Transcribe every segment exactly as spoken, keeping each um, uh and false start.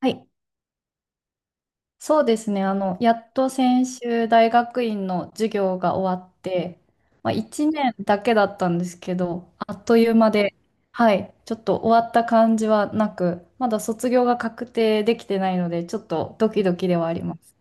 はい、そうですね。あの、やっと先週大学院の授業が終わって、まあ、いちねんだけだったんですけど、あっという間で、はい、ちょっと終わった感じはなく、まだ卒業が確定できてないので、ちょっとドキドキではあります。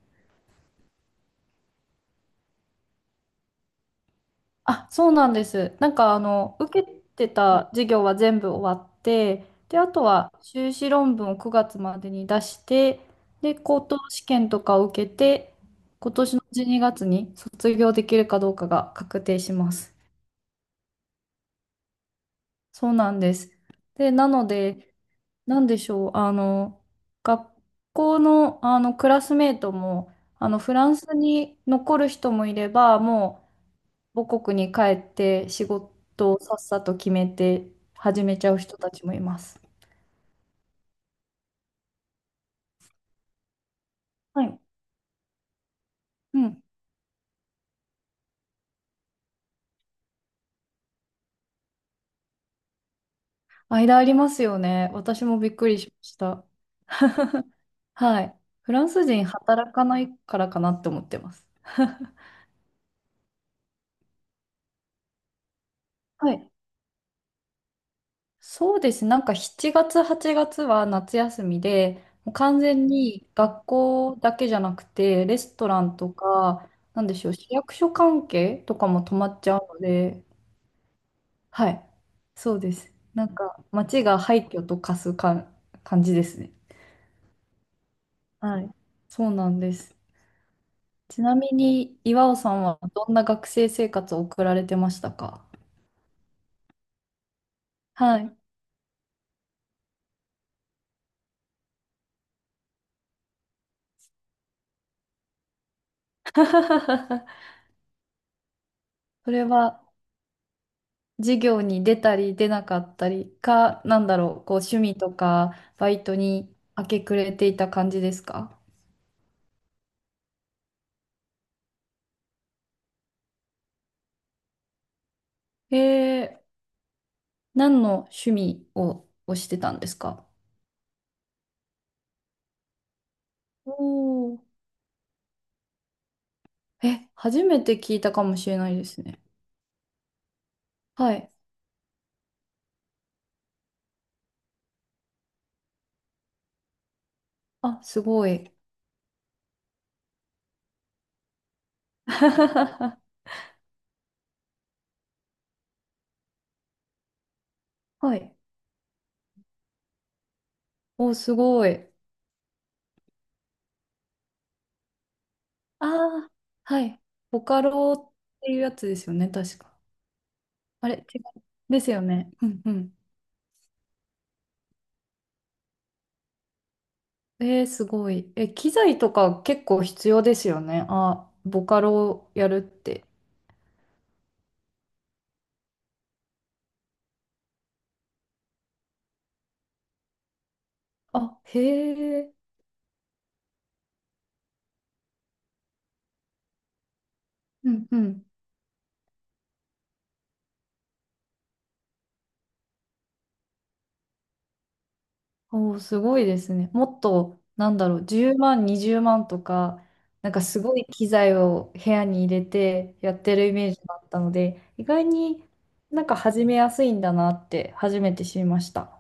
あ、そうなんです。なんかあの、受けてた授業は全部終わって、で、あとは修士論文をくがつまでに出して、で、高等試験とかを受けて、今年の12月にがつに卒業できるかどうかが確定します。そうなんです。で、なので、なんでしょう、あの、学校の、あのクラスメートも、あの、フランスに残る人もいれば、もう、母国に帰って仕事をさっさと決めて始めちゃう人たちもいます。はい。うん。間ありますよね。私もびっくりしました。はい。フランス人働かないからかなって思ってます。はい。そうです。なんかしちがつ、はちがつは夏休みで、もう完全に学校だけじゃなくて、レストランとか、なんでしょう、市役所関係とかも止まっちゃうので、はい。そうです。なんか、街が廃墟と化すか感じですね。はい。そうなんです。ちなみに、岩尾さんはどんな学生生活を送られてましたか？はい。それは、授業に出たり出なかったりか、なんだろう、こう、趣味とか、バイトに明け暮れていた感じですか？えー、何の趣味を、をしてたんですか？おー、え、初めて聞いたかもしれないですね。はい。あ、すごい。はい。お、すごい。ああ、はい。ボカロっていうやつですよね、確か。あれ、違う。ですよね。うんうん。えー、すごい。え、機材とか結構必要ですよね。あ、ボカロやるって。あ、へえ。うんうん。おー、すごいですね。もっと、なんだろう、じゅうまん、にじゅうまんとか、なんかすごい機材を部屋に入れてやってるイメージだったので、意外になんか始めやすいんだなって初めて知りました。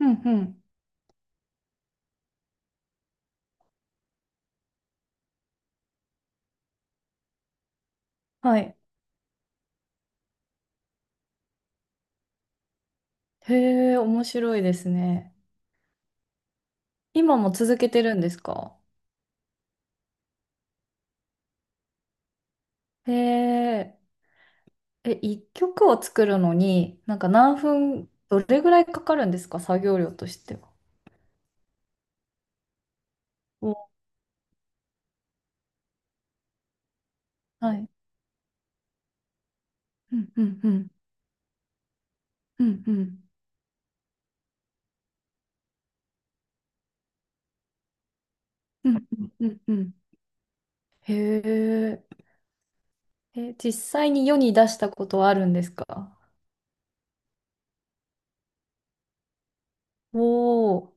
うんうん。はい。へえ、面白いですね。今も続けてるんですか？へえ、え、一曲を作るのに、なんか何分、どれぐらいかかるんですか？作業量としては。お、はい。うんうんうん。うんうん。うんうんうんうん、へえ。え、実際に世に出したことはあるんですか？おおー、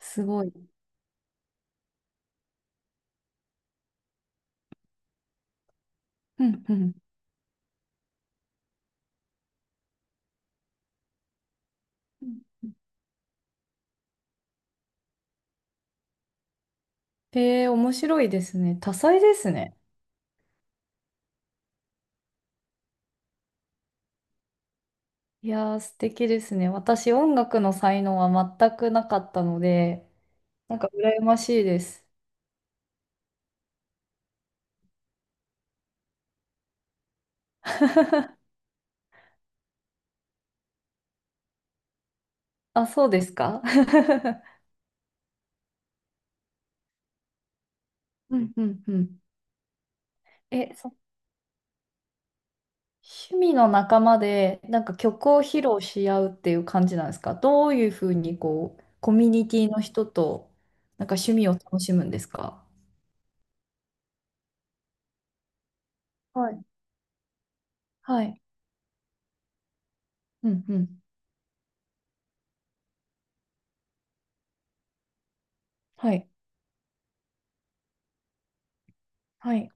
すごい。うんうん。へえ、面白いですね。多彩ですね。いやー、素敵ですね。私、音楽の才能は全くなかったので、なんか羨ましいです。あ、そうですか？ うんうんうん。え、そ趣味の仲間でなんか曲を披露し合うっていう感じなんですか？どういうふうにこうコミュニティの人となんか趣味を楽しむんですか？はい。はい。うんうん。はい。はい。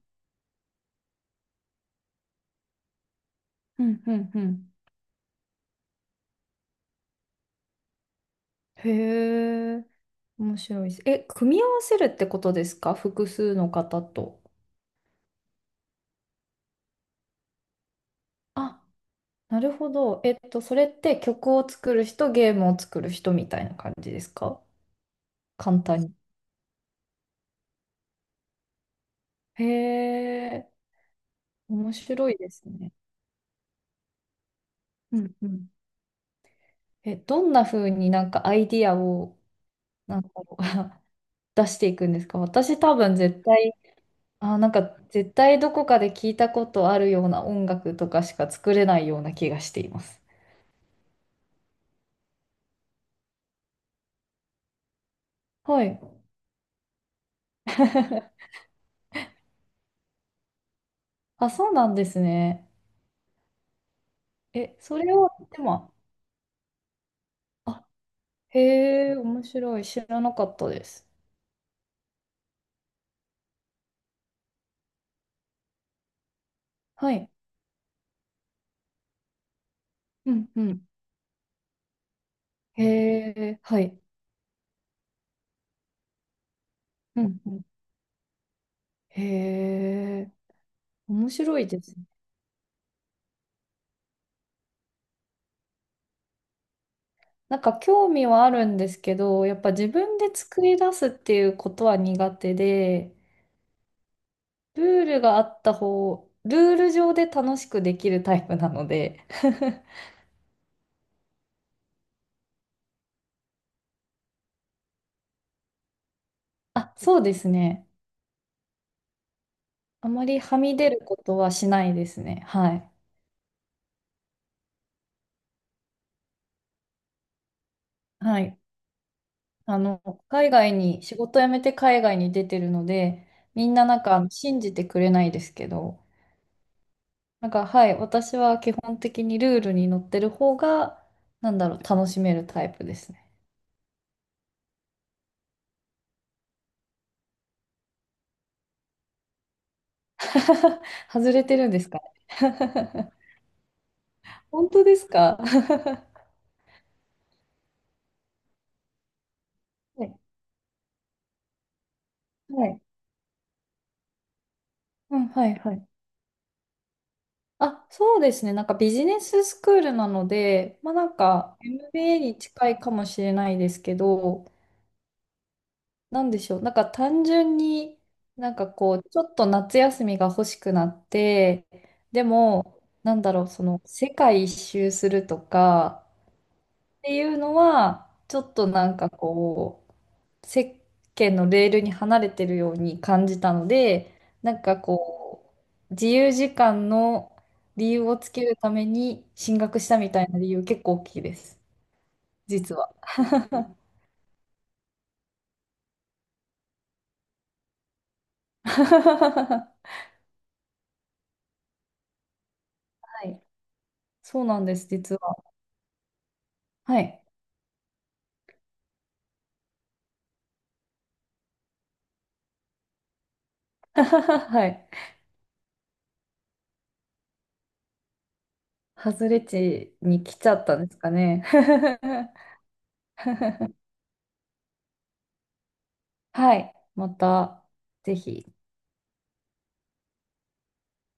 うんうんうん。へえ、面白いです。え、組み合わせるってことですか？複数の方と。あ、なるほど。えっと、それって曲を作る人、ゲームを作る人みたいな感じですか？簡単に。へえ、面白いですね。うんうん。え、どんな風になんかアイディアをなんか 出していくんですか？私多分絶対、あ、なんか絶対どこかで聞いたことあるような音楽とかしか作れないような気がしています。はい。あ、そうなんですね。え、それを、でも、あ、へえ、面白い。知らなかったです。はい。うんうん。へえ、はい。うんうん。へえ、面白いですね。なんか興味はあるんですけど、やっぱ自分で作り出すっていうことは苦手で、ルールがあった方、ルール上で楽しくできるタイプなので、あ、そうですね。あまりはみ出ることはしないですね。はい。はい。あの、海外に、仕事辞めて海外に出てるので、みんななんかあの信じてくれないですけど、なんかはい、私は基本的にルールに乗ってる方が、なんだろう、楽しめるタイプですね。外れてるんですか？ 本当ですか？はい。はい。うん、はい、はい。あ、そうですね。なんかビジネススクールなので、まあなんか エムビーエー に近いかもしれないですけど、なんでしょう。なんか単純になんかこう、ちょっと夏休みが欲しくなって、でも、なんだろう、その世界一周するとか、っていうのは、ちょっとなんかこう、世間のレールに離れてるように感じたので、なんかこう、自由時間の理由をつけるために進学したみたいな理由結構大きいです、実は。はい、そうなんです、実は。はい。はい。外れ値に来ちゃったんですかね。はい。また、ぜひ。